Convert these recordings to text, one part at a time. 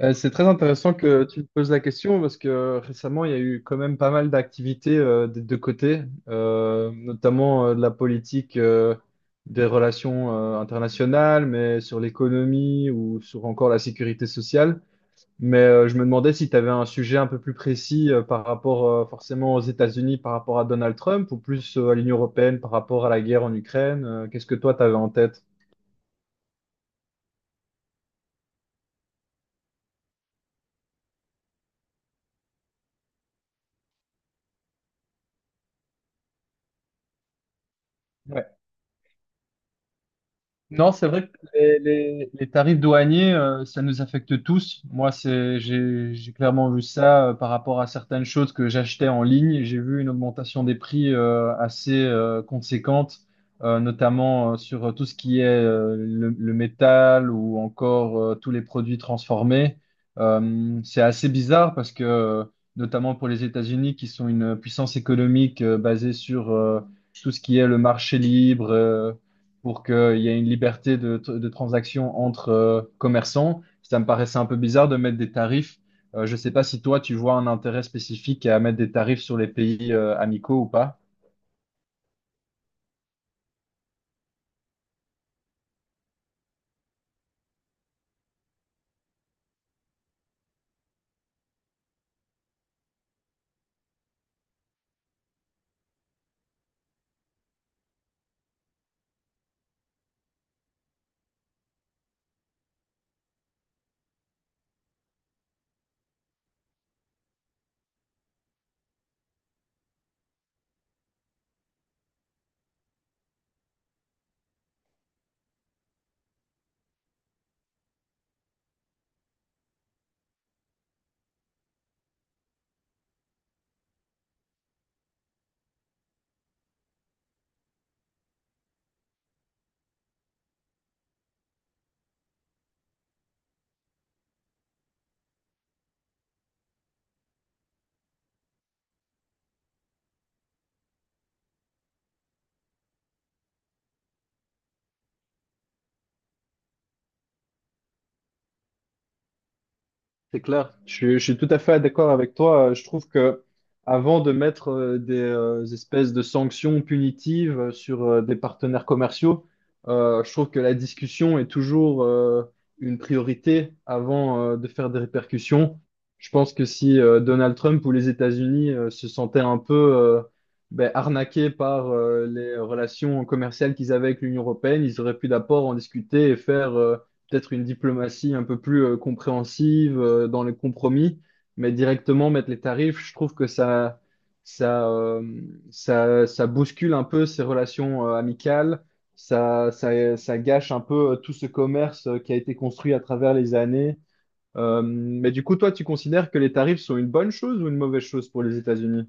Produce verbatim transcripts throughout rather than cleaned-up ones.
Euh, C'est très intéressant que tu me poses la question parce que euh, récemment, il y a eu quand même pas mal d'activités euh, des deux côtés, euh, notamment euh, de la politique euh, des relations euh, internationales, mais sur l'économie ou sur encore la sécurité sociale. Mais euh, je me demandais si tu avais un sujet un peu plus précis euh, par rapport euh, forcément aux États-Unis par rapport à Donald Trump ou plus euh, à l'Union européenne par rapport à la guerre en Ukraine. Euh, qu'est-ce que toi, tu avais en tête? Non, c'est vrai que les, les- les tarifs douaniers, euh, ça nous affecte tous. Moi, c'est, j'ai, j'ai clairement vu ça euh, par rapport à certaines choses que j'achetais en ligne. J'ai vu une augmentation des prix euh, assez euh, conséquente, euh, notamment euh, sur euh, tout ce qui est euh, le, le métal ou encore euh, tous les produits transformés. Euh, c'est assez bizarre parce que, euh, notamment pour les États-Unis, qui sont une puissance économique euh, basée sur euh, tout ce qui est le marché libre. Euh, pour qu'il y ait une liberté de, de transaction entre euh, commerçants. Ça me paraissait un peu bizarre de mettre des tarifs. Euh, je ne sais pas si toi, tu vois un intérêt spécifique à mettre des tarifs sur les pays euh, amicaux ou pas. C'est clair, je, suis je suis tout à fait d'accord avec toi. Euh, Je trouve que avant de mettre euh, des euh, espèces de sanctions punitives euh, sur euh, des partenaires commerciaux, euh, je trouve que la discussion est toujours euh, une priorité avant euh, de faire des répercussions. Je pense que si euh, Donald Trump ou les États-Unis euh, se sentaient un peu euh, ben, arnaqués par euh, les relations commerciales qu'ils avaient avec l'Union européenne, ils auraient pu d'abord en discuter et faire euh, peut-être une diplomatie un peu plus euh, compréhensive euh, dans les compromis, mais directement mettre les tarifs, je trouve que ça, ça, euh, ça, ça bouscule un peu ces relations euh, amicales, ça, ça, ça gâche un peu euh, tout ce commerce euh, qui a été construit à travers les années. Euh, mais du coup, toi, tu considères que les tarifs sont une bonne chose ou une mauvaise chose pour les États-Unis?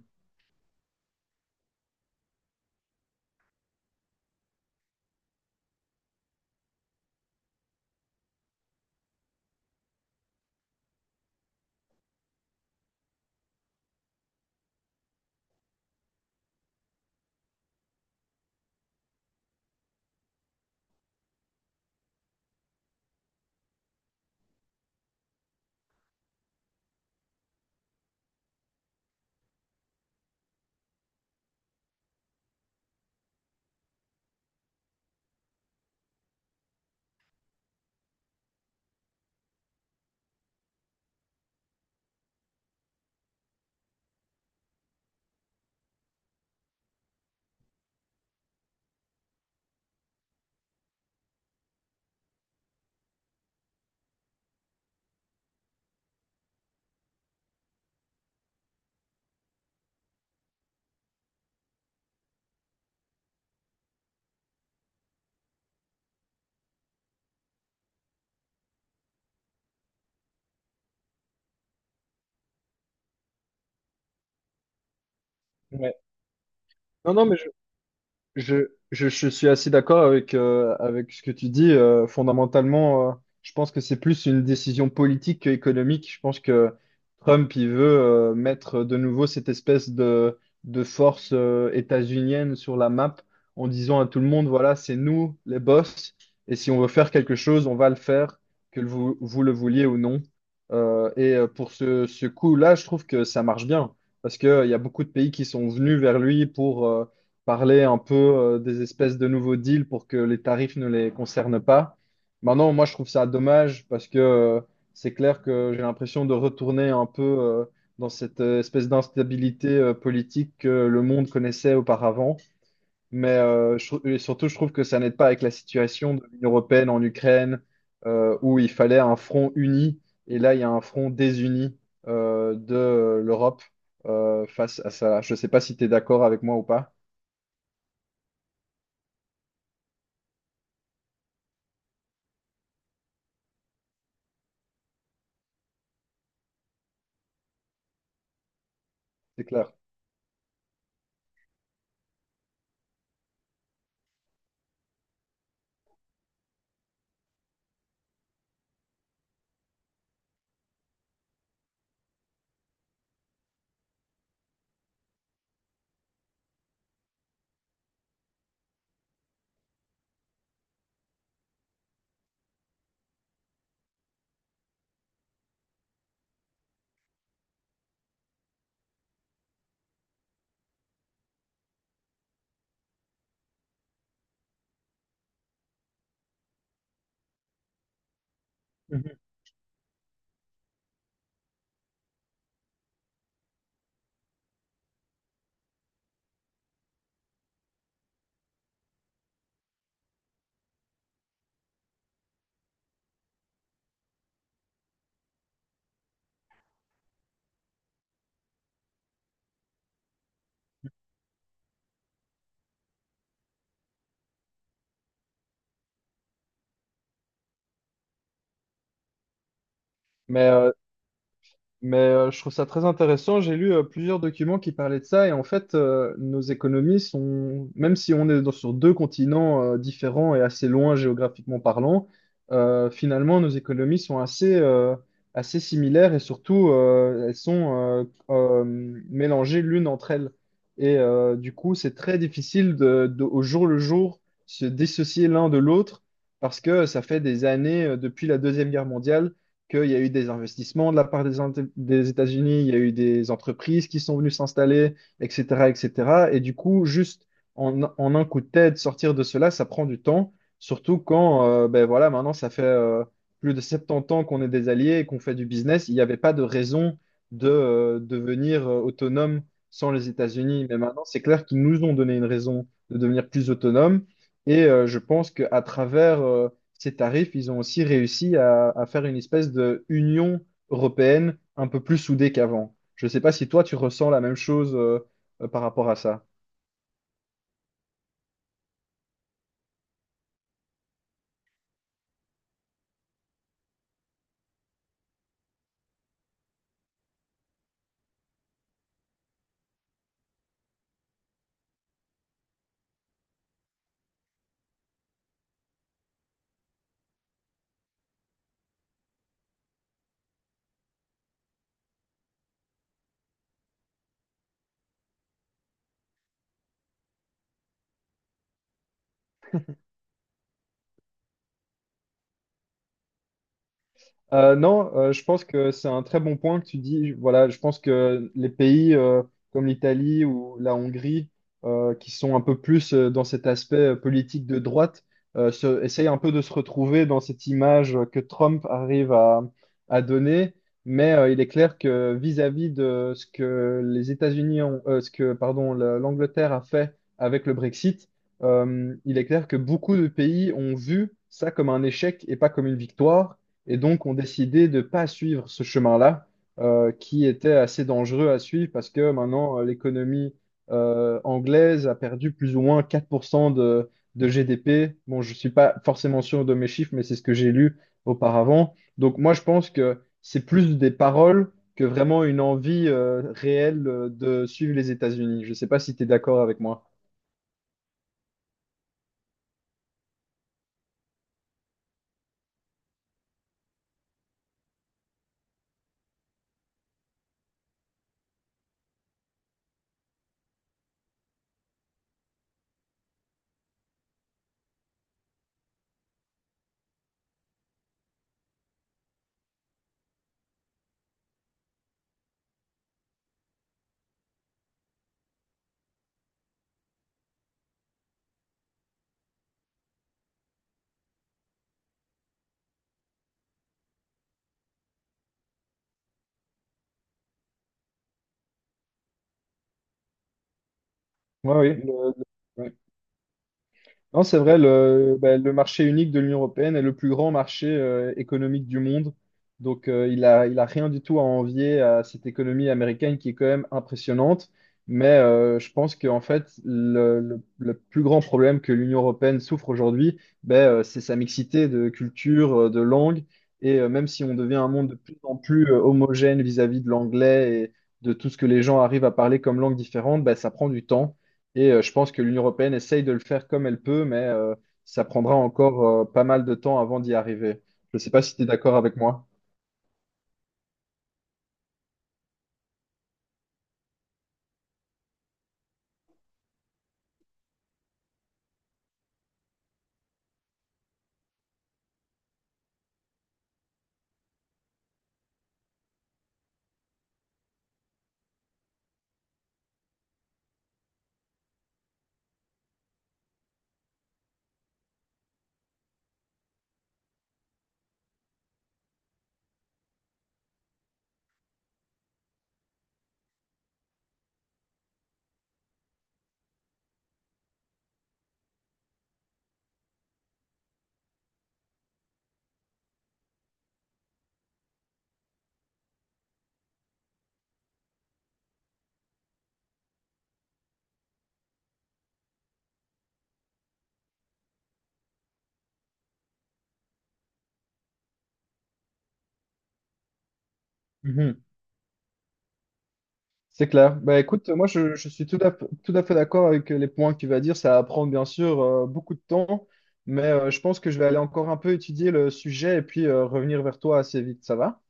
Ouais. Non, non, mais Je, je, je suis assez d'accord avec, euh, avec ce que tu dis. Euh, fondamentalement, euh, je pense que c'est plus une décision politique qu'économique. Je pense que Trump, il veut euh, mettre de nouveau cette espèce de, de force euh, états-unienne sur la map en disant à tout le monde, voilà, c'est nous les boss, et si on veut faire quelque chose, on va le faire, que vous, vous le vouliez ou non. Euh, et euh, pour ce, ce coup-là, je trouve que ça marche bien, parce qu'il y a beaucoup de pays qui sont venus vers lui pour... euh, parler un peu euh, des espèces de nouveaux deals pour que les tarifs ne les concernent pas. Maintenant, moi, je trouve ça dommage parce que euh, c'est clair que j'ai l'impression de retourner un peu euh, dans cette euh, espèce d'instabilité euh, politique que le monde connaissait auparavant. Mais euh, je trou- et surtout, je trouve que ça n'aide pas avec la situation de l'Union européenne en Ukraine, euh, où il fallait un front uni, et là, il y a un front désuni euh, de l'Europe euh, face à ça. Je ne sais pas si tu es d'accord avec moi ou pas. C'est clair. Mhm. Mais euh, Mais euh, je trouve ça très intéressant. J'ai lu euh, plusieurs documents qui parlaient de ça. Et en fait, euh, nos économies sont, même si on est dans- sur deux continents euh, différents et assez loin géographiquement parlant, euh, finalement, nos économies sont assez, euh, assez similaires et surtout, euh, elles sont euh, euh, mélangées l'une entre elles. Et euh, du coup, c'est très difficile de, de- au jour le jour, se dissocier l'un de l'autre parce que ça fait des années, euh, depuis la Deuxième Guerre mondiale qu'il y a eu des investissements de la part des, Inté- des États-Unis, il y a eu des entreprises qui sont venues s'installer, et cetera, et cetera. Et cetera. Et du coup, juste en, en un coup de tête, sortir de cela, ça prend du temps, surtout quand, euh, ben voilà, maintenant, ça fait euh, plus de soixante-dix ans qu'on est des alliés et qu'on fait du business. Il n'y avait pas de raison de euh, devenir euh, autonome sans les États-Unis. Mais maintenant, c'est clair qu'ils nous ont donné une raison de devenir plus autonome. Et euh, je pense qu'à travers... euh, ces tarifs, ils ont aussi réussi à, à faire une espèce de union européenne un peu plus soudée qu'avant. Je ne sais pas si toi, tu ressens la même chose, euh, euh, par rapport à ça. Euh, non, euh, je pense que c'est un très bon point que tu dis. Voilà, je pense que les pays euh, comme l'Italie ou la Hongrie, euh, qui sont un peu plus euh, dans cet aspect euh, politique de droite, euh, se- essayent un peu de se retrouver dans cette image que Trump arrive à, à donner. Mais euh, il est clair que vis-à-vis de ce que les États-Unis ont, euh, ce que, pardon, le- l'Angleterre a fait avec le Brexit, euh, il est clair que beaucoup de pays ont vu ça comme un échec et pas comme une victoire et donc ont décidé de ne pas suivre ce chemin-là, euh, qui était assez dangereux à suivre parce que maintenant, euh, l'économie euh, anglaise a perdu plus ou moins quatre pour cent de, de G D P. Bon, je ne suis pas forcément sûr de mes chiffres, mais c'est ce que j'ai lu auparavant. Donc moi, je pense que c'est plus des paroles que vraiment une envie euh, réelle euh, de suivre les États-Unis. Je ne sais pas si tu es d'accord avec moi. Oui, oui. Le- le- Non, c'est vrai, le, bah, le marché unique de l'Union européenne est le plus grand marché euh, économique du monde. Donc, euh, il a, il a rien du tout à envier à cette économie américaine qui est quand même impressionnante. Mais euh, je pense qu'en fait, le, le- le plus grand problème que l'Union européenne souffre aujourd'hui, bah, euh, c'est sa mixité de culture, euh, de langue. Et euh, même si on devient un monde de plus en plus euh, homogène vis-à-vis de l'anglais et de tout ce que les gens arrivent à parler comme langue différente, bah, ça prend du temps. Et euh, je pense que l'Union européenne essaye de le faire comme elle peut, mais euh, ça prendra encore euh, pas mal de temps avant d'y arriver. Je ne sais pas si tu es d'accord avec moi. Mhm. C'est clair. Bah, écoute, moi, je, je suis tout à, f- tout à fait d'accord avec les points que tu vas dire. Ça va prendre, bien sûr, euh, beaucoup de temps, mais euh, je pense que je vais aller encore un peu étudier le sujet et puis euh, revenir vers toi assez vite. Ça va?